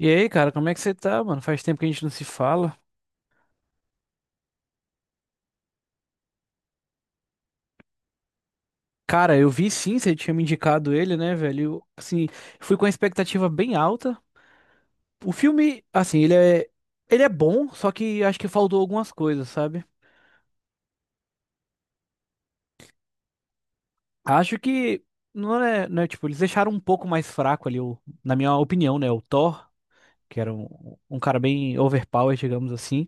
E aí, cara, como é que você tá, mano? Faz tempo que a gente não se fala. Cara, eu vi sim, você tinha me indicado ele, né, velho? Eu, assim, fui com a expectativa bem alta. O filme, assim, ele é bom, só que acho que faltou algumas coisas, sabe? Acho que não é, tipo, eles deixaram um pouco mais fraco ali, o, na minha opinião, né, o Thor, que era um cara bem overpowered, digamos assim.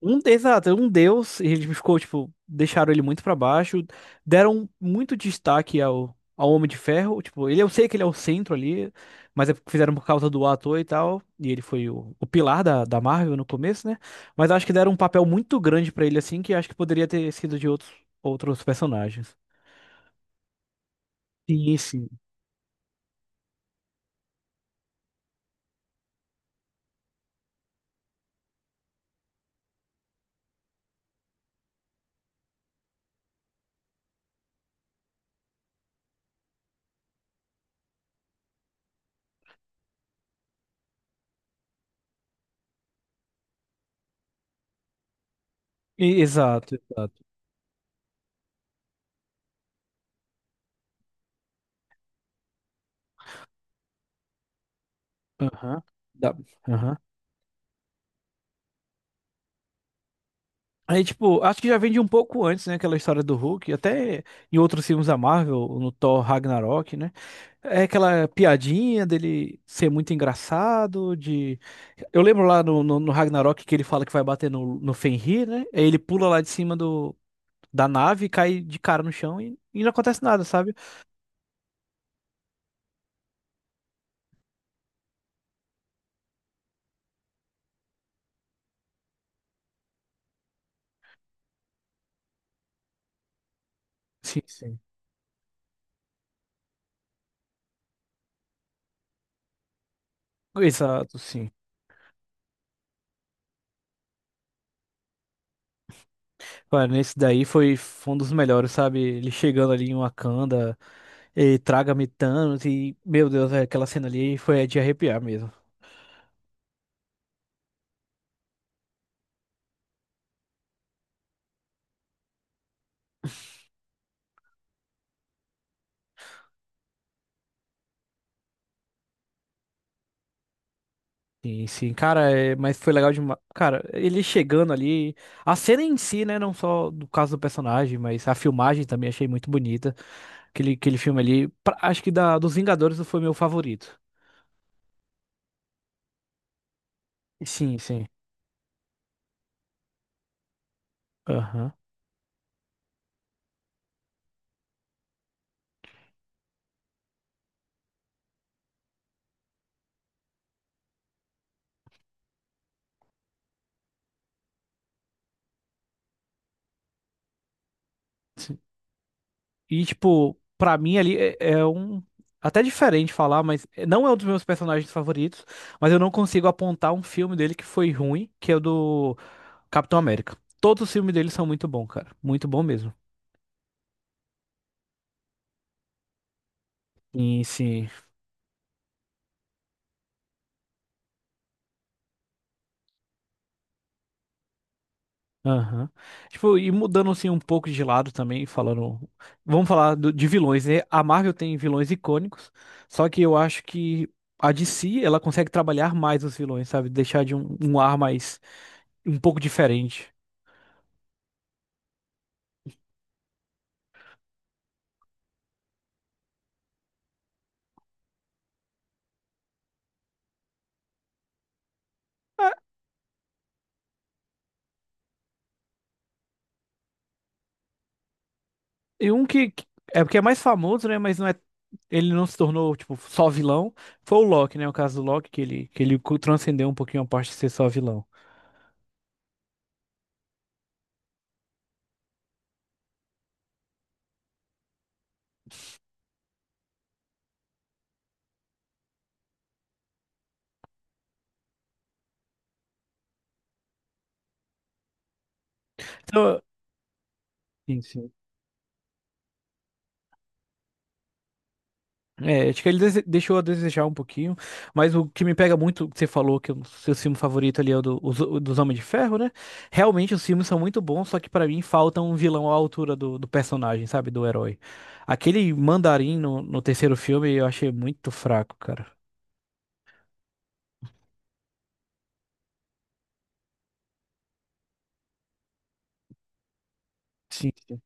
Exato, um deus, e ele ficou, tipo, deixaram ele muito pra baixo, deram muito destaque ao Homem de Ferro, tipo, ele, eu sei que ele é o centro ali, mas é porque fizeram por causa do ator e tal, e ele foi o pilar da Marvel no começo, né? Mas acho que deram um papel muito grande pra ele, assim, que acho que poderia ter sido de outros, outros personagens. Sim, sim. Exato, exato. Aham. Dá- Aham. Aí, tipo, acho que já vem de um pouco antes, né? Aquela história do Hulk, até em outros filmes da Marvel, no Thor Ragnarok, né? É aquela piadinha dele ser muito engraçado, de... Eu lembro lá no Ragnarok que ele fala que vai bater no Fenrir, né? Aí ele pula lá de cima do, da nave, cai de cara no chão e não acontece nada, sabe? Sim, sim. Exato, sim. Olha, nesse daí foi um dos melhores, sabe? Ele chegando ali em Wakanda, e traga-me Thanos e, meu Deus, é, aquela cena ali foi é de arrepiar mesmo. Sim, sim, cara, é, mas foi legal demais. Cara, ele chegando ali, a cena em si, né, não só do caso do personagem, mas a filmagem também achei muito bonita. Aquele, aquele filme ali, acho que da, dos Vingadores foi meu favorito. Sim, sim. Aham. Sim. E, tipo, pra mim ali é um. Até diferente falar, mas não é um dos meus personagens favoritos. Mas eu não consigo apontar um filme dele que foi ruim, que é o do Capitão América. Todos os filmes dele são muito bons, cara. Muito bom mesmo. Sim, sim. Aham. Tipo, e mudando assim um pouco de lado também, falando, vamos falar de vilões, né? A Marvel tem vilões icônicos, só que eu acho que a DC, ela consegue trabalhar mais os vilões, sabe? Deixar de um, um ar mais, um pouco diferente. E um é porque é mais famoso, né? Mas não é. Ele não se tornou, tipo, só vilão. Foi o Loki, né? O caso do Loki, que ele, transcendeu um pouquinho a parte de ser só vilão. Então, sim, sim. É, acho que ele deixou a desejar um pouquinho, mas o que me pega muito, que você falou que o seu filme favorito ali é o dos Homens de Ferro, né? Realmente os filmes são muito bons, só que pra mim falta um vilão à altura do, do personagem, sabe? Do herói. Aquele mandarim no terceiro filme eu achei muito fraco, cara. Sim, sim.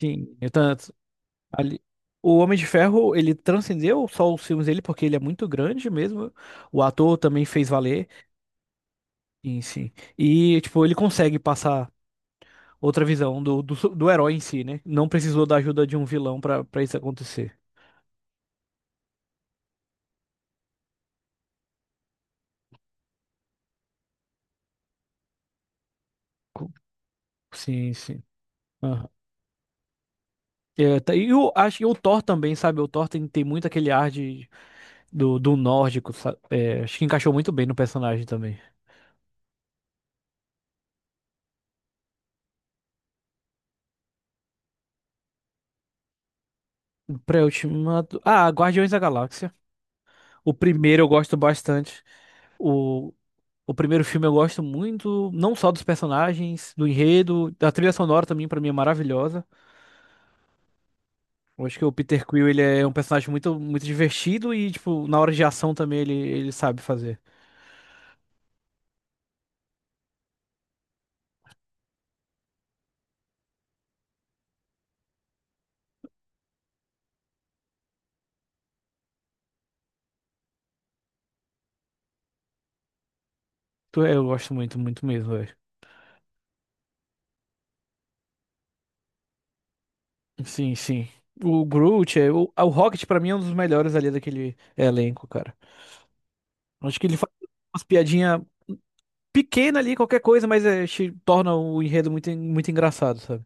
Sim, eu tam- Ali... O Homem de Ferro, ele transcendeu só os filmes dele, porque ele é muito grande mesmo. O ator também fez valer em si. E, tipo, ele consegue passar outra visão do herói em si, né? Não precisou da ajuda de um vilão pra, pra isso acontecer. Co- Sim, sim. Aham. E eu acho que o Thor também, sabe? O Thor tem muito aquele ar de, do nórdico, sabe? É, acho que encaixou muito bem no personagem também. Pré-ultimato. Ah, Guardiões da Galáxia. O primeiro eu gosto bastante. O, o primeiro filme eu gosto muito, não só dos personagens, do enredo, da trilha sonora também, pra mim é maravilhosa. Eu acho que o Peter Quill, ele é um personagem muito, muito divertido e, tipo, na hora de ação também ele sabe fazer. Eu gosto muito, muito mesmo, velho. Sim, sim. O Groot, é, o Rocket pra mim é um dos melhores ali daquele elenco, cara. Acho que ele faz umas piadinhas pequenas ali, qualquer coisa, mas é, te torna o enredo muito, muito engraçado, sabe?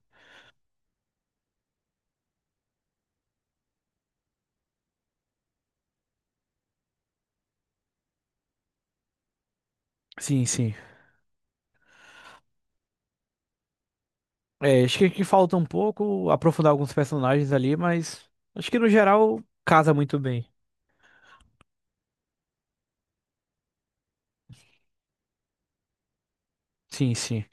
Sim, sim. É, acho que falta um pouco aprofundar alguns personagens ali, mas acho que no geral casa muito bem. Sim, sim.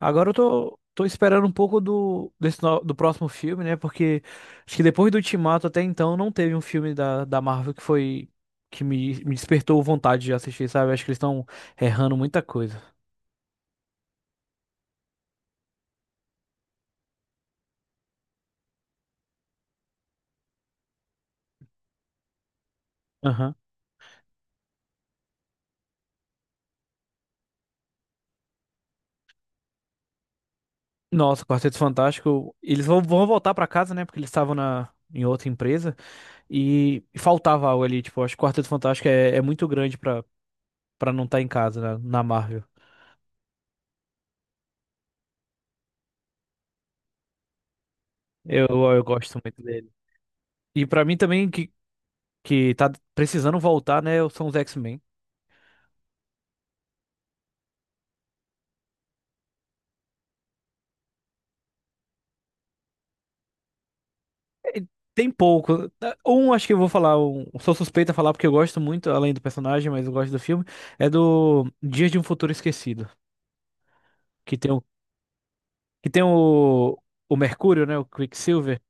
Agora eu tô esperando um pouco do, desse no- do próximo filme, né? Porque acho que depois do Ultimato até então não teve um filme da Marvel que foi que me despertou vontade de assistir, sabe? Acho que eles estão errando muita coisa. Aham. Nossa, Quarteto Fantástico. Eles vão voltar pra casa, né? Porque eles estavam na, em outra empresa. E faltava algo ali, tipo, acho que o Quarteto Fantástico é muito grande pra não estar em casa, né, na Marvel. Eu, eu gosto muito dele. E pra mim também, que tá precisando voltar, né, são os X-Men. E Tem pouco. Acho que eu vou falar, um, sou suspeito a falar porque eu gosto muito, além do personagem, mas eu gosto do filme, é do Dias de um Futuro Esquecido, que tem o, que tem o Mercúrio, né, o Quicksilver,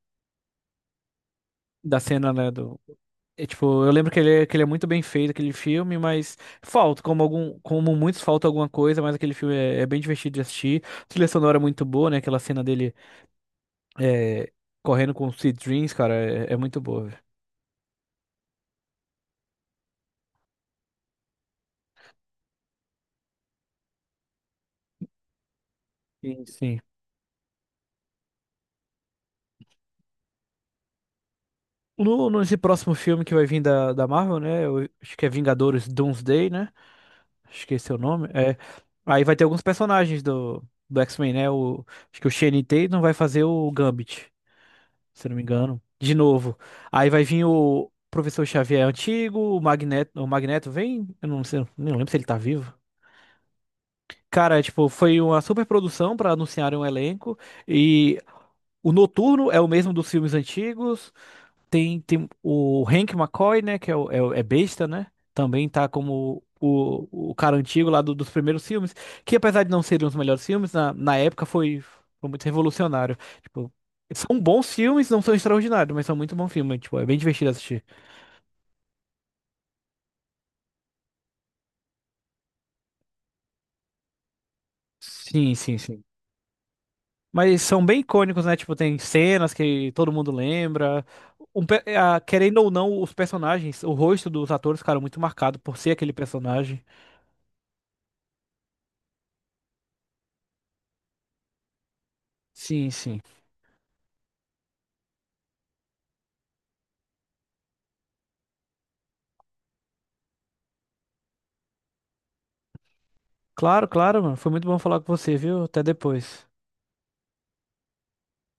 da cena, né, do. É, tipo, eu lembro que ele, que ele é muito bem feito, aquele filme, mas falta, como algum, como muitos, falta alguma coisa, mas aquele filme é bem divertido de assistir. A trilha sonora é muito boa, né? Aquela cena dele é, correndo com o Sweet Dreams, cara, é muito boa, velho. Sim, sim. No, nesse próximo filme que vai vir da Marvel, né? Eu acho que é Vingadores Doomsday, né? Acho que esse é o nome. É, aí vai ter alguns personagens do, do X-Men, né? O, acho que o Channing Tatum vai fazer o Gambit, se eu não me engano. De novo. Aí vai vir o Professor Xavier antigo, o Magneto vem, eu não sei, nem lembro se ele tá vivo. Cara, tipo, foi uma super produção pra anunciarem um elenco e o Noturno é o mesmo dos filmes antigos. Tem o Hank McCoy, né? Que é, o- é, o- é besta, né? Também tá como o cara antigo lá dos primeiros filmes. Que apesar de não serem os melhores filmes, na época foi muito revolucionário. Tipo, são bons filmes, não são extraordinários, mas são muito bons filmes. Tipo, é bem divertido assistir. Sim, sim, sim. Mas são bem icônicos, né? Tipo, tem cenas que todo mundo lembra. Querendo ou não, os personagens, o rosto dos atores ficaram muito marcado por ser aquele personagem. Sim, sim. Claro, claro, mano. Foi muito bom falar com você, viu? Até depois.